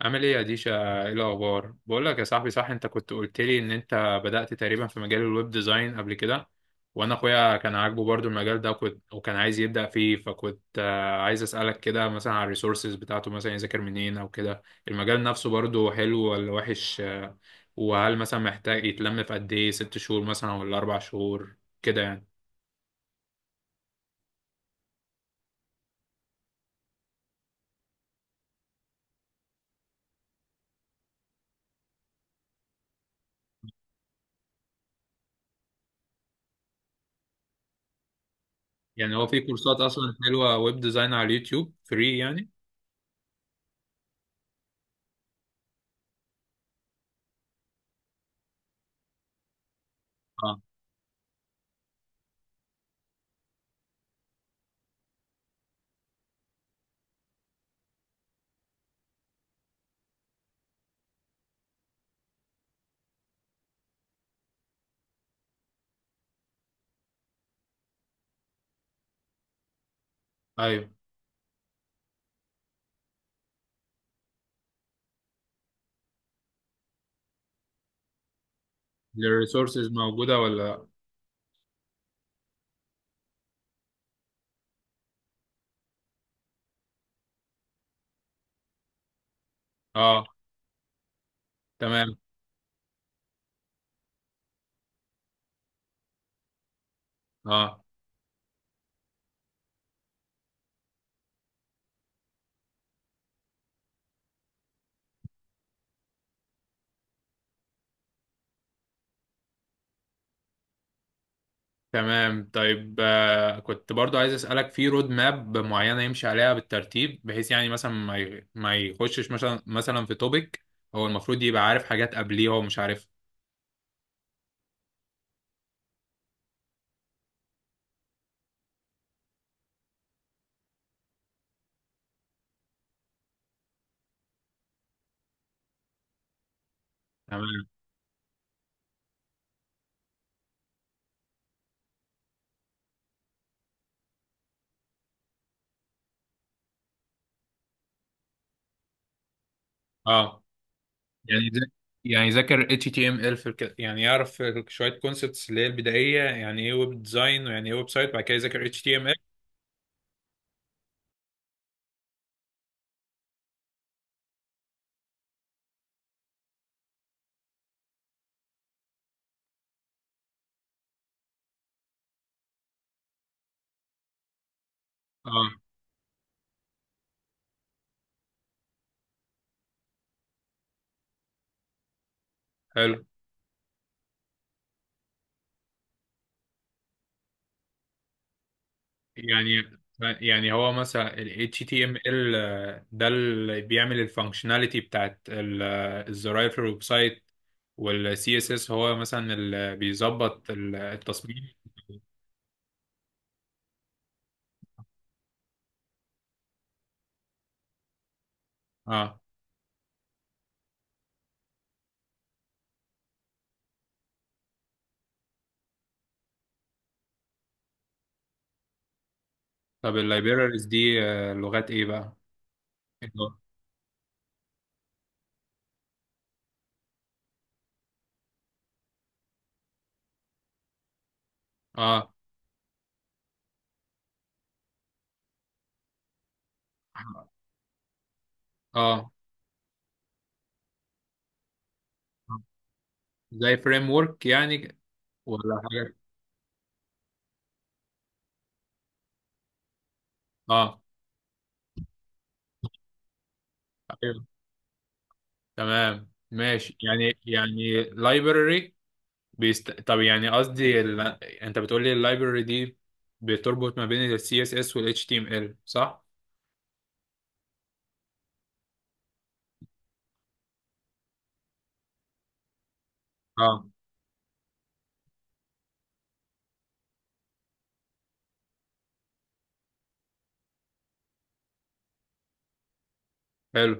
عامل ايه يا ديشا؟ ايه الاخبار؟ بقول لك يا صاحبي، صح، انت كنت قلت لي ان انت بدأت تقريبا في مجال الويب ديزاين قبل كده. وانا اخويا كان عاجبه برضو المجال ده، وكنت وكان عايز يبدأ فيه. فكنت عايز اسألك كده، مثلا على الريسورسز بتاعته، مثلا يذاكر منين او كده. المجال نفسه برضو حلو ولا وحش؟ وهل مثلا محتاج يتلم في قد ايه؟ 6 شهور مثلا ولا 4 شهور كده يعني؟ يعني هو في كورسات اصلا حلوة ويب ديزاين على اليوتيوب فري يعني؟ اه. ايوه. الريسورسز موجودة ولا؟ اه. تمام. اه، تمام. طيب، كنت برضو عايز اسالك في رود ماب معينه يمشي عليها بالترتيب، بحيث يعني مثلا ما يخشش مثلا في توبيك هو المفروض يبقى عارف حاجات قبليه هو مش عارفها. تمام. اه. يعني ذا- يعني يذاكر HTML، يعني يعرف شويه كونسبتس اللي هي البدائيه، يعني ايه ويب ديزاين، ويعني ايه ويب سايت، بعد كده يذاكر HTML. اه. حلو. يعني يعني هو مثلا ال HTML، ده اللي بيعمل الفانكشناليتي بتاعت الزراير في الويب سايت، وال CSS هو مثلا اللي بيظبط التصميم. اه. طب اللايبريز دي لغات ايه بقى؟ اه، اه، اه. زي فريم ورك يعني؟ ولا حاجة. اه. ايوه، تمام، ماشي، يعني library. طب يعني قصدي انت بتقول لي اللايبرري دي بتربط ما بين ال CSS وال HTML، صح؟ اه. حلو.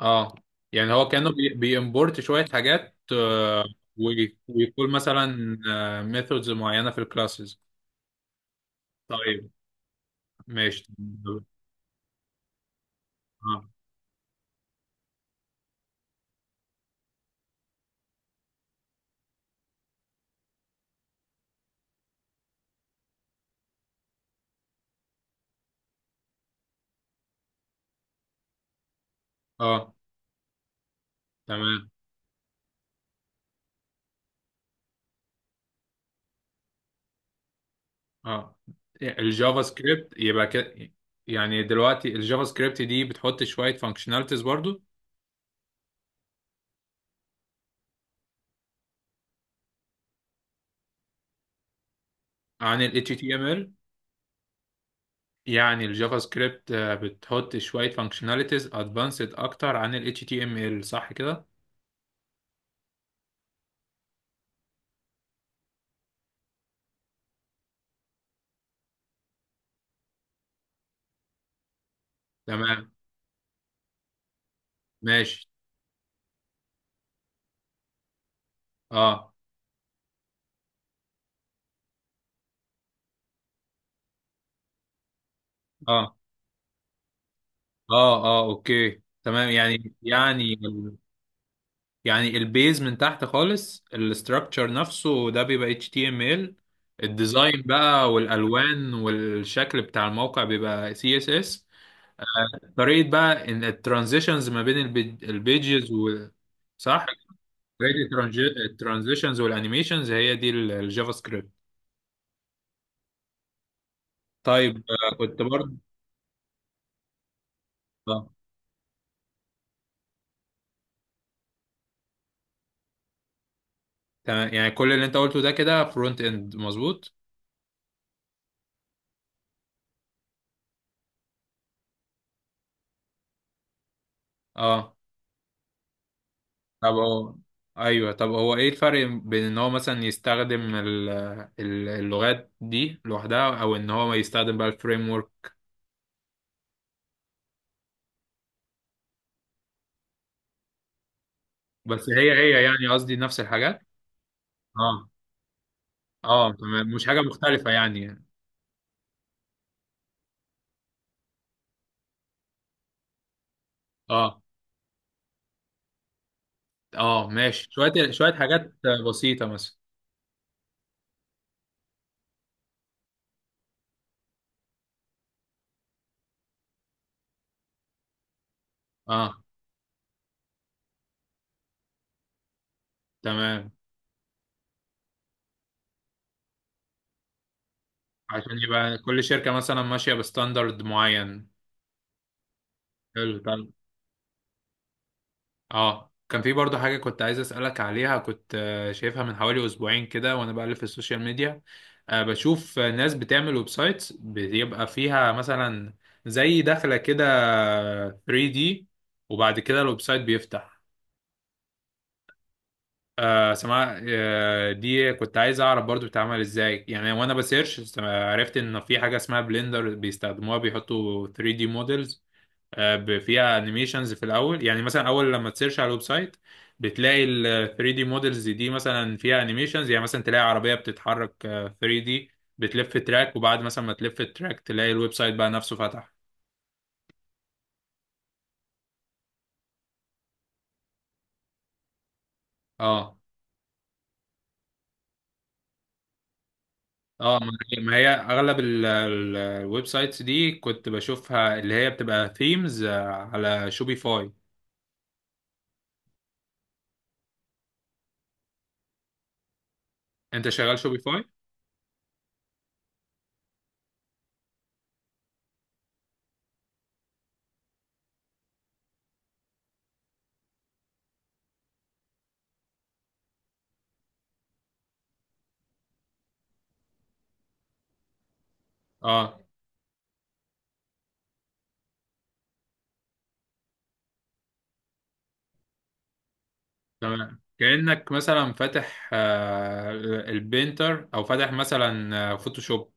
اه، يعني هو كأنه بيمبورت شوية حاجات، ويقول مثلا ميثودز معينة في الكلاسز. طيب. ماشي. اه، اه. تمام. اه، الجافا سكريبت يبقى كده. يعني دلوقتي الجافا سكريبت دي بتحط شوية فانكشناليتيز برضو عن ال HTML؟ يعني الجافا سكريبت بتحط شوية فانكشناليتيز ادفانسد اكتر عن ال HTML، صح كده؟ تمام. ماشي. اه، اه، اه، اه، اوكي، تمام. يعني البيز من تحت خالص، الاستراكشر نفسه ده بيبقى HTML. الديزاين بقى والالوان والشكل بتاع الموقع بيبقى CSS. طريقة بقى ان الترانزيشنز ما بين البيجز، صح؟ ريت. الترانزيشنز والانيميشنز هي دي الجافا سكريبت. طيب. كنت برضه. اه، تمام، يعني كل اللي انت قلته ده كده فرونت اند، مظبوط؟ اه. طب هو. ايوه، طب هو ايه الفرق بين ان هو مثلا يستخدم اللغات دي لوحدها، او ان هو يستخدم بقى الفريم ورك؟ بس هي هي يعني، قصدي نفس الحاجات. اه. اه، تمام، مش حاجة مختلفة يعني. اه، اه، ماشي، شوية شوية حاجات بسيطة مثلا. اه، تمام، عشان يبقى كل شركة مثلا ماشية بستاندرد معين. حلو. طب، اه كان في برضه حاجة كنت عايز أسألك عليها، كنت شايفها من حوالي أسبوعين كده وأنا بقلب في السوشيال ميديا. بشوف ناس بتعمل ويب سايتس بيبقى فيها مثلا زي دخلة كده 3D، وبعد كده الويب سايت بيفتح. سماء دي كنت عايز اعرف برضو بتتعمل ازاي يعني. وانا بسيرش عرفت ان في حاجه اسمها بلندر بيستخدموها، بيحطوا 3D models، فيها انيميشنز في الاول، يعني مثلا اول لما تسيرش على الويب سايت بتلاقي ال 3 دي مودلز دي مثلا فيها انيميشنز. يعني مثلا تلاقي عربيه بتتحرك 3 دي، بتلف تراك، وبعد مثلا ما تلف التراك تلاقي الويب سايت بقى نفسه فتح. اه. اه، ما هي اغلب الويب سايتس دي كنت بشوفها اللي هي بتبقى ثيمز على شوبيفاي. انت شغال شوبيفاي؟ اه. تمام، كأنك مثلا فاتح البينتر، او فاتح مثلا فوتوشوب.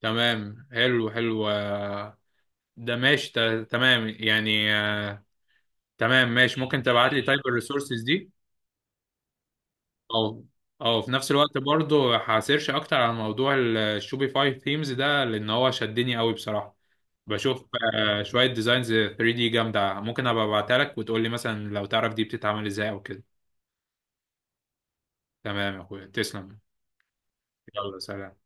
تمام، حلو، حلو، ده ماشي. تمام يعني، تمام، ماشي. ممكن تبعت لي تايب الريسورسز دي؟ او، او في نفس الوقت برضو هسيرش اكتر على موضوع الشوبيفاي ثيمز ده، لان هو شدني قوي بصراحة. بشوف شوية ديزاينز 3 دي جامدة، ممكن ابقى ابعتها لك وتقول لي مثلا لو تعرف دي بتتعمل ازاي او كده. تمام يا اخويا، تسلم. يلا، سلام.